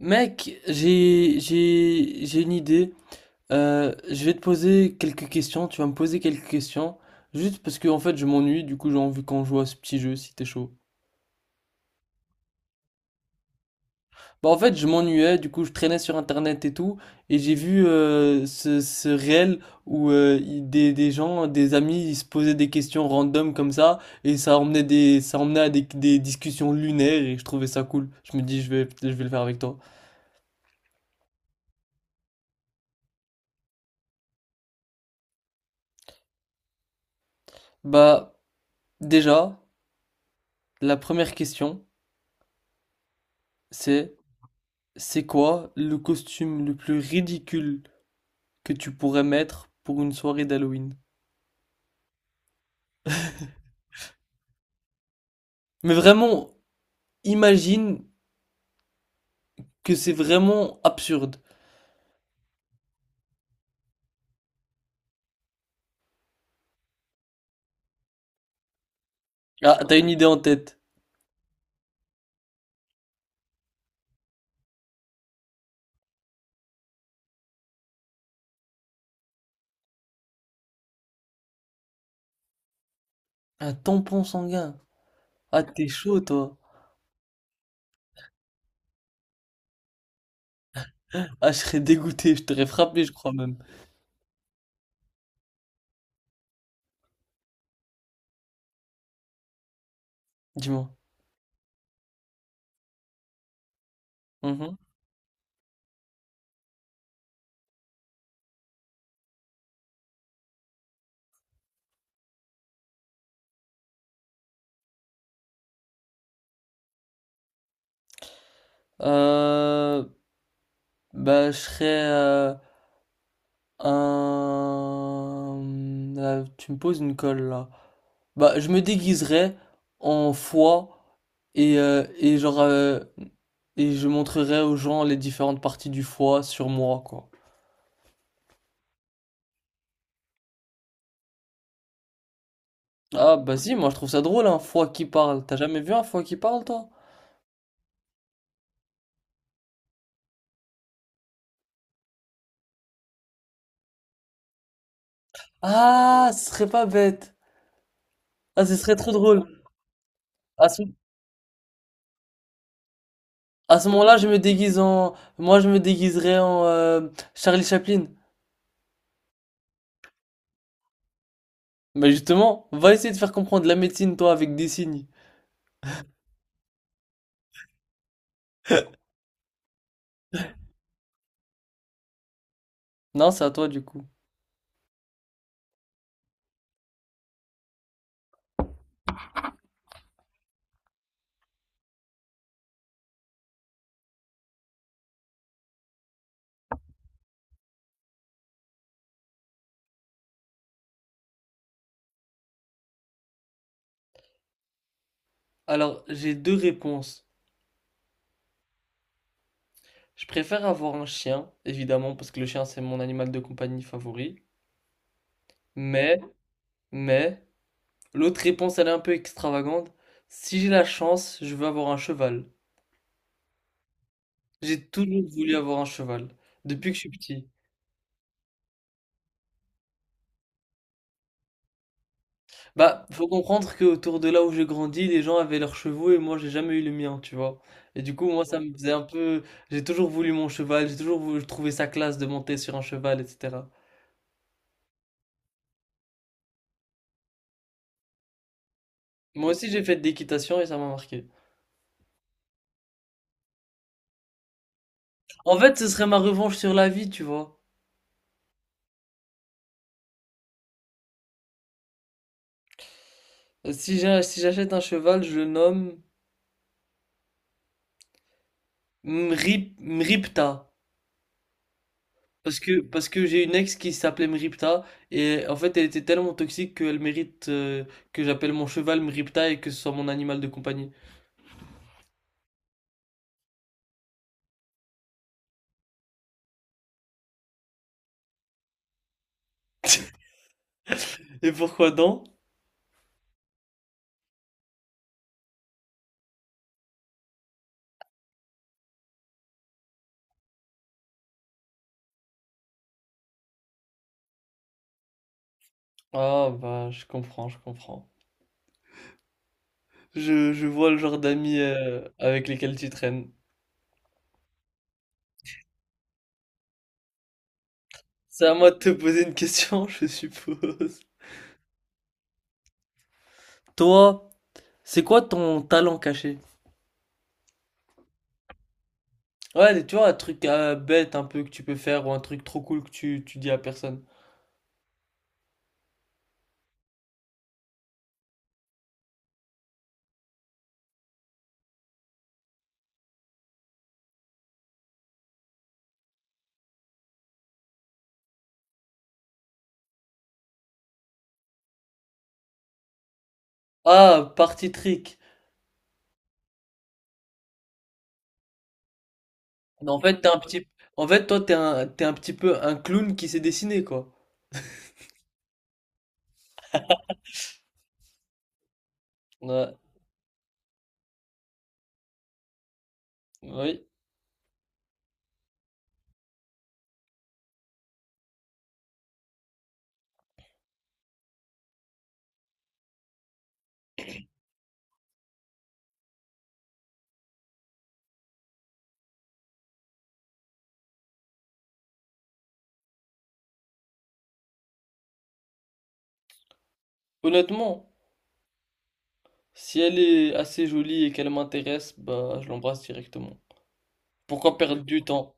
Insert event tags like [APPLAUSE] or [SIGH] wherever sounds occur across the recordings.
Mec, j'ai une idée. Je vais te poser quelques questions. Tu vas me poser quelques questions. Juste parce que en fait je m'ennuie, du coup j'ai envie qu'on joue à ce petit jeu si t'es chaud. Bah en fait je m'ennuyais, du coup je traînais sur internet et tout, et j'ai vu ce réel où des gens, des amis, ils se posaient des questions random comme ça, et ça emmenait à des discussions lunaires et je trouvais ça cool. Je me dis je vais le faire avec toi. Bah déjà, la première question, c'est c'est quoi le costume le plus ridicule que tu pourrais mettre pour une soirée d'Halloween? Mais vraiment, imagine que c'est vraiment absurde. Ah, t'as une idée en tête. Un tampon sanguin. Ah, t'es chaud, toi. Ah, je serais dégoûté, je t'aurais frappé, je crois même. Dis-moi. Mhm. Euh, Bah, je serais un... Là, tu me poses une colle, là. Bah, je me déguiserais en foie. Et, euh, et genre, euh, et je montrerai aux gens les différentes parties du foie sur moi, quoi. Ah, bah si, moi je trouve ça drôle, un foie qui parle. T'as jamais vu un foie qui parle, toi? Ah, ce serait pas bête. Ah, ce serait trop drôle. À ce, à ce moment-là, je me déguise en. Moi, je me déguiserais en Charlie Chaplin. Mais justement, va essayer de faire comprendre la médecine, toi, avec des signes. Non, c'est à toi, du coup. Alors, j'ai deux réponses. Je préfère avoir un chien, évidemment, parce que le chien, c'est mon animal de compagnie favori. Mais Mais, l'autre réponse, elle est un peu extravagante. Si j'ai la chance, je veux avoir un cheval. J'ai toujours voulu avoir un cheval, depuis que je suis petit. Bah, faut comprendre que autour de là où j'ai grandi, les gens avaient leurs chevaux et moi, j'ai jamais eu le mien, tu vois. Et du coup, moi, ça me faisait un peu... J'ai toujours voulu mon cheval, j'ai toujours voulu trouver sa classe de monter sur un cheval, etc. Moi aussi, j'ai fait de l'équitation et ça m'a marqué. En fait, ce serait ma revanche sur la vie, tu vois. Si si j'achète un cheval, je le nomme Mripta. Parce que j'ai une ex qui s'appelait Mripta et en fait elle était tellement toxique qu'elle mérite que j'appelle mon cheval Mripta et que ce soit mon animal de compagnie. [LAUGHS] Et pourquoi donc? Ah bah je comprends, je comprends. Je vois le genre d'amis avec lesquels tu traînes. C'est à moi de te poser une question, [LAUGHS] je suppose. Toi, c'est quoi ton talent caché? Ouais, tu vois, un truc bête un peu que tu peux faire ou un truc trop cool que tu dis à personne. Ah, party trick. Mais en fait, t'es un petit... En fait, toi, t'es un petit peu un clown qui s'est dessiné, quoi. Ouais. Oui. Honnêtement, si elle est assez jolie et qu'elle m'intéresse, bah, je l'embrasse directement. Pourquoi perdre du temps?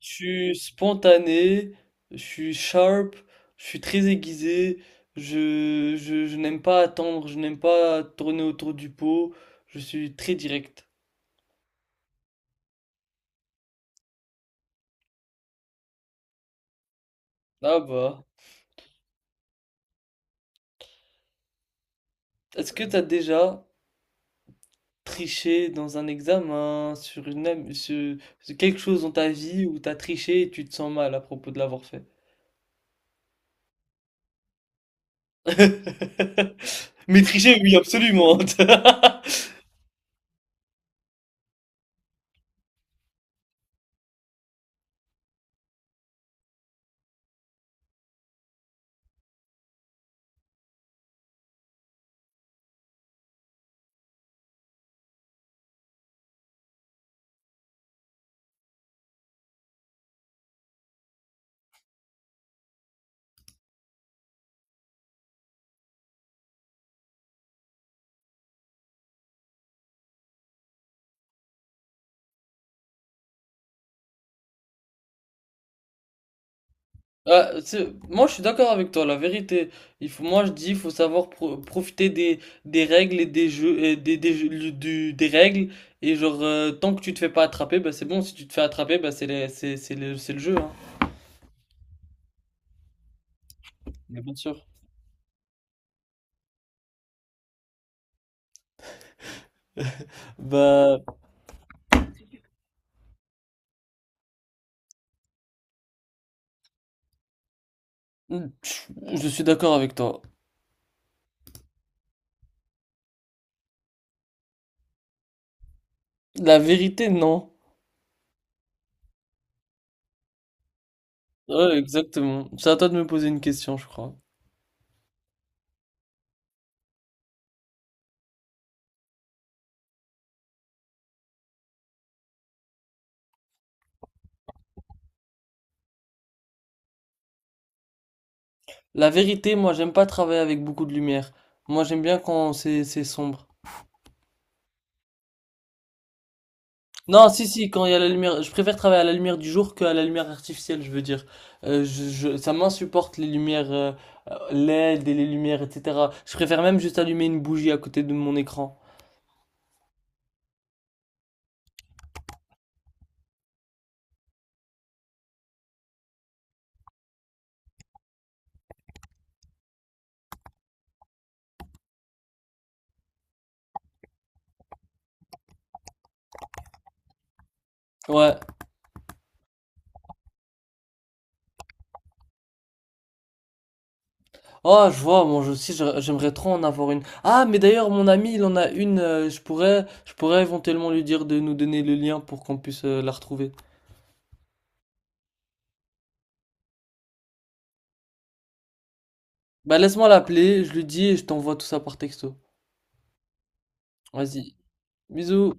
Je suis spontané, je suis sharp, je suis très aiguisé, je n'aime pas attendre, je n'aime pas tourner autour du pot, je suis très direct. Ah bah, est-ce que t'as déjà tricher dans un examen, sur une, am- sur, sur quelque chose dans ta vie où t'as triché et tu te sens mal à propos de l'avoir fait. [LAUGHS] Mais tricher, oui, absolument. [LAUGHS] Moi, je suis d'accord avec toi, la vérité. Moi, je dis, il faut savoir profiter des règles et des, jeux- du- des règles. Et genre, tant que tu te fais pas attraper, bah, c'est bon. Si tu te fais attraper, bah, c'est les- c'est le jeu, hein. Mais bien sûr. Bah, je je suis d'accord avec toi. La vérité, non. Ouais, exactement. C'est à toi de me poser une question, je crois. La vérité, moi, j'aime pas travailler avec beaucoup de lumière. Moi, j'aime bien quand c'est sombre. Non, si, si, quand il y a la lumière, je préfère travailler à la lumière du jour qu'à la lumière artificielle, je veux dire. Ça m'insupporte les lumières LED et les lumières, etc. Je préfère même juste allumer une bougie à côté de mon écran. Ouais. Oh, je vois, moi aussi j'aimerais trop en avoir une. Ah, mais d'ailleurs mon ami, il en a une, je pourrais éventuellement lui dire de nous donner le lien pour qu'on puisse la retrouver. Bah laisse-moi l'appeler, je lui dis et je t'envoie tout ça par texto. Vas-y. Bisous.